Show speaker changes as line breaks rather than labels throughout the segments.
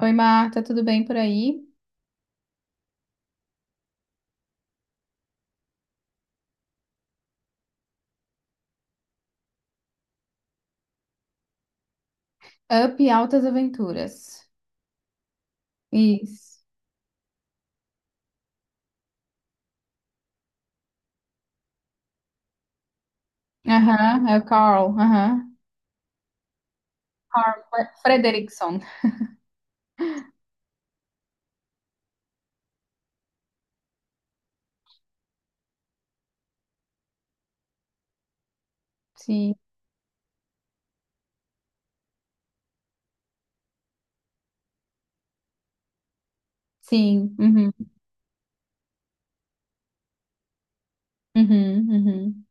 Oi, Marta, tudo bem por aí? Up Altas Aventuras. Isso. Aham, é o Carl. Aham. Carl Frederickson. Sim, sim. Uhum, uhum.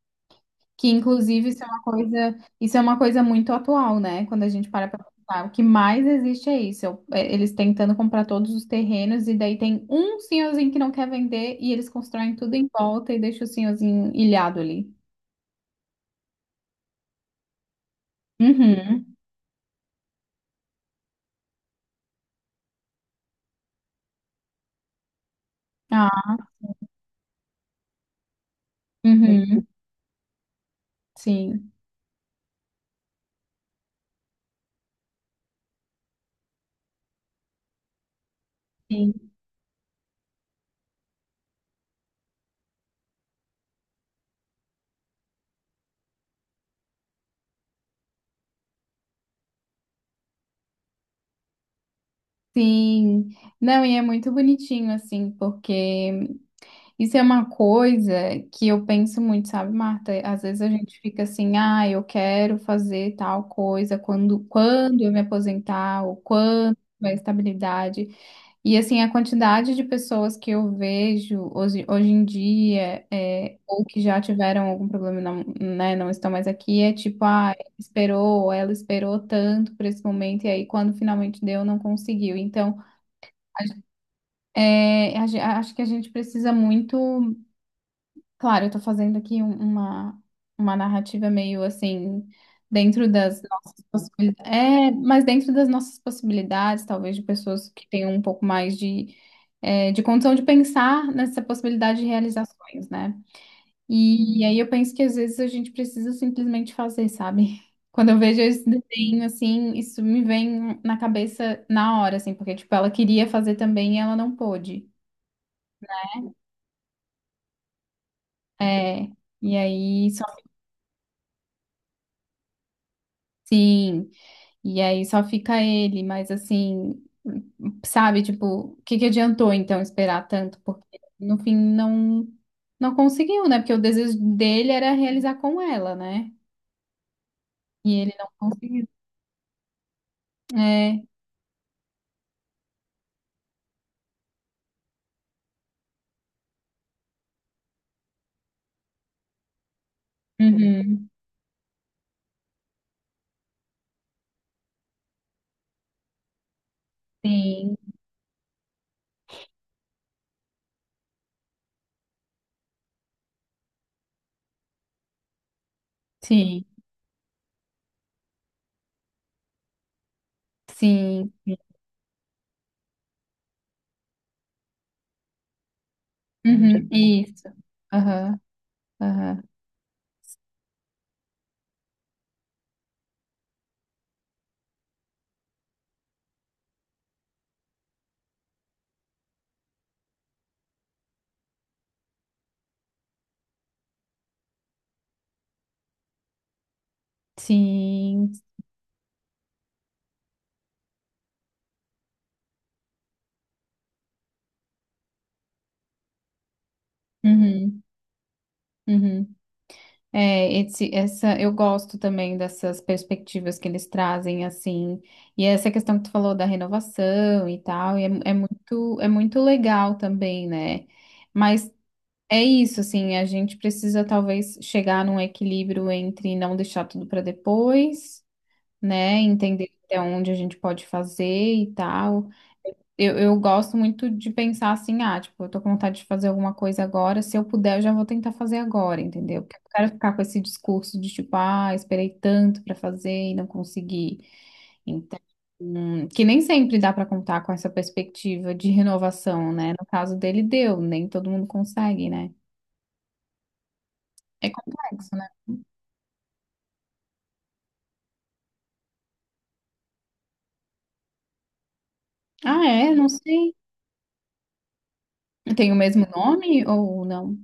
Que inclusive isso é uma coisa, isso é uma coisa muito atual, né? Quando a gente para pra pensar, o que mais existe é isso. Eles tentando comprar todos os terrenos e daí tem um senhorzinho que não quer vender e eles constroem tudo em volta e deixam o senhorzinho ilhado ali. Uhum. Ah, uhum. Sim. Sim. Sim, não, e é muito bonitinho, assim, porque isso é uma coisa que eu penso muito, sabe, Marta? Às vezes a gente fica assim, ah, eu quero fazer tal coisa quando eu me aposentar, ou quando tiver estabilidade. E, assim, a quantidade de pessoas que eu vejo hoje, hoje em dia, é, ou que já tiveram algum problema, e não, né, não estão mais aqui, é tipo, ah, esperou, ela esperou tanto por esse momento, e aí quando finalmente deu, não conseguiu. Então, a gen- é, a gen- acho que a gente precisa muito. Claro, eu estou fazendo aqui uma narrativa meio assim, dentro das nossas possibilidades. É, mas dentro das nossas possibilidades, talvez de pessoas que tenham um pouco mais de, é, de condição de pensar nessa possibilidade de realizações, né? E, aí eu penso que às vezes a gente precisa simplesmente fazer, sabe? Quando eu vejo esse desenho assim, isso me vem na cabeça na hora, assim, porque tipo, ela queria fazer também e ela não pôde. É, e aí só, sim, e aí só fica ele, mas assim, sabe, tipo, o que que adiantou então esperar tanto? Porque no fim não conseguiu, né? Porque o desejo dele era realizar com ela, né? E ele não conseguiu. É, uhum, sim, sim, sim, uhum, isso, aham, aham, sim, uhum, uhum. É, esse, essa, eu gosto também dessas perspectivas que eles trazem, assim, e essa questão que tu falou da renovação e tal, e é, é muito legal também, né? Mas é isso, assim, a gente precisa talvez chegar num equilíbrio entre não deixar tudo para depois, né? Entender até onde a gente pode fazer e tal. Eu gosto muito de pensar assim, ah, tipo, eu tô com vontade de fazer alguma coisa agora, se eu puder, eu já vou tentar fazer agora, entendeu? Porque eu não quero ficar com esse discurso de tipo, ah, esperei tanto pra fazer e não consegui. Então, que nem sempre dá pra contar com essa perspectiva de renovação, né? No caso dele, deu, nem todo mundo consegue, né? É complexo, né? Ah, é? Não sei. Tem o mesmo nome ou não?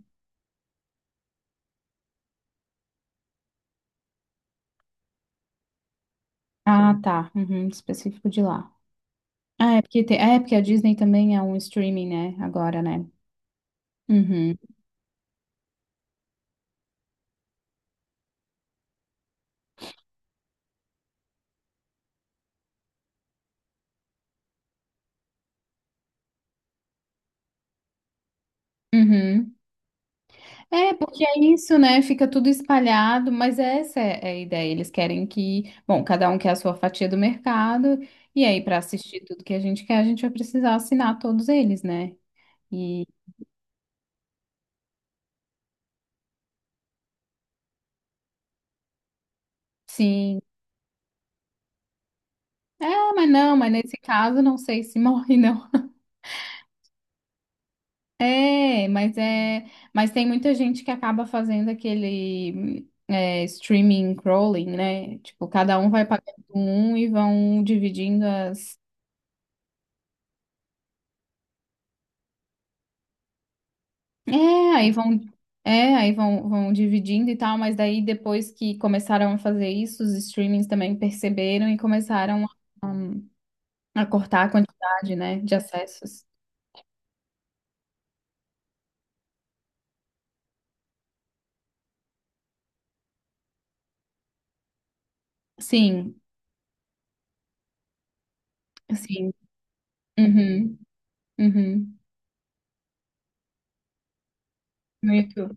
Ah, tá. Uhum, específico de lá. Ah, é porque, tem- é porque a Disney também é um streaming, né? Agora, né? Uhum, uhum. É, porque é isso, né? Fica tudo espalhado, mas essa é a ideia. Eles querem que, bom, cada um quer a sua fatia do mercado, e aí, para assistir tudo que a gente quer, a gente vai precisar assinar todos eles, né? E sim, é, mas não, mas nesse caso, não sei se morre, não. É, mas tem muita gente que acaba fazendo aquele é, streaming crawling, né? Tipo, cada um vai pagando um e vão dividindo as. É, aí vão, vão dividindo e tal, mas daí depois que começaram a fazer isso, os streamings também perceberam e começaram a cortar a quantidade, né, de acessos. Sim, sim. Uhum, uhum. No YouTube.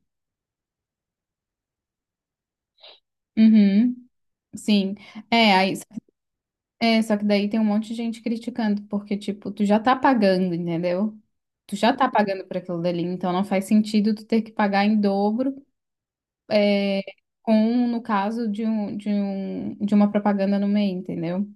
Uhum. Sim. É, aí, é, só que daí tem um monte de gente criticando, porque, tipo, tu já tá pagando, entendeu? Tu já tá pagando por aquilo dali, então não faz sentido tu ter que pagar em dobro com no caso de uma propaganda no meio, entendeu?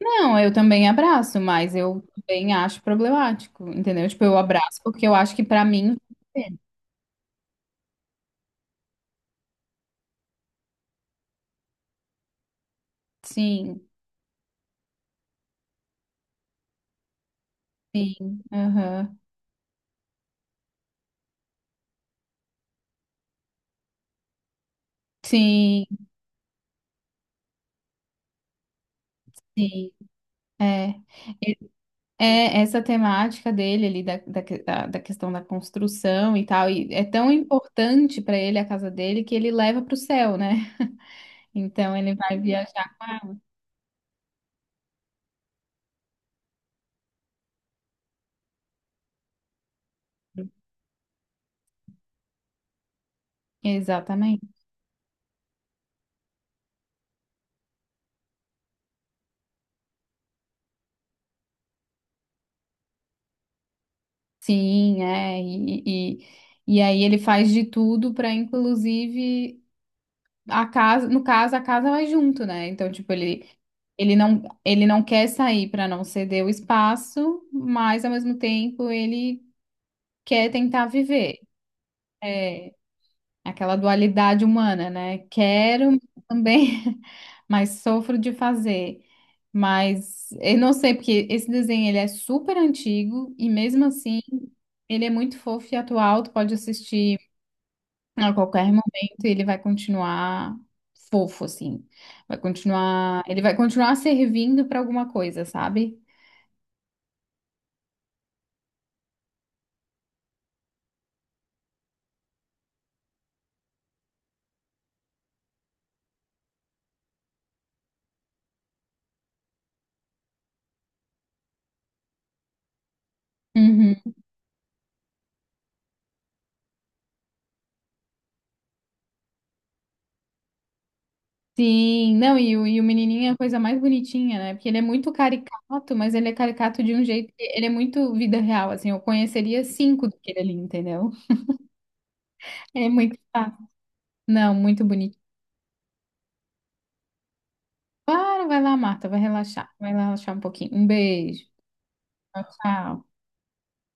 Não, eu também abraço, mas eu também acho problemático, entendeu? Tipo, eu abraço porque eu acho que pra mim, sim, sim, aham, sim, sim. É, E- é essa temática dele ali da da questão da construção e tal, e é tão importante pra ele a casa dele que ele leva pro céu, né? Então ele vai viajar. Exatamente. Sim, é. E aí ele faz de tudo para, inclusive, a casa, no caso, a casa vai junto, né? Então, tipo, ele, ele não quer sair para não ceder o espaço, mas ao mesmo tempo ele quer tentar viver. É. Aquela dualidade humana, né? Quero mas também, mas sofro de fazer. Mas eu não sei, porque esse desenho ele é super antigo e mesmo assim ele é muito fofo e atual. Tu pode assistir a qualquer momento e ele vai continuar fofo, assim. Vai continuar, ele vai continuar servindo para alguma coisa, sabe? Uhum. Sim, não, e o menininho é a coisa mais bonitinha, né? Porque ele é muito caricato, mas ele é caricato de um jeito que ele é muito vida real, assim. Eu conheceria cinco daquele ali, entendeu? É muito fácil. Não, muito bonito. Para, vai lá, Marta, vai relaxar. Vai lá relaxar um pouquinho. Um beijo. Tchau.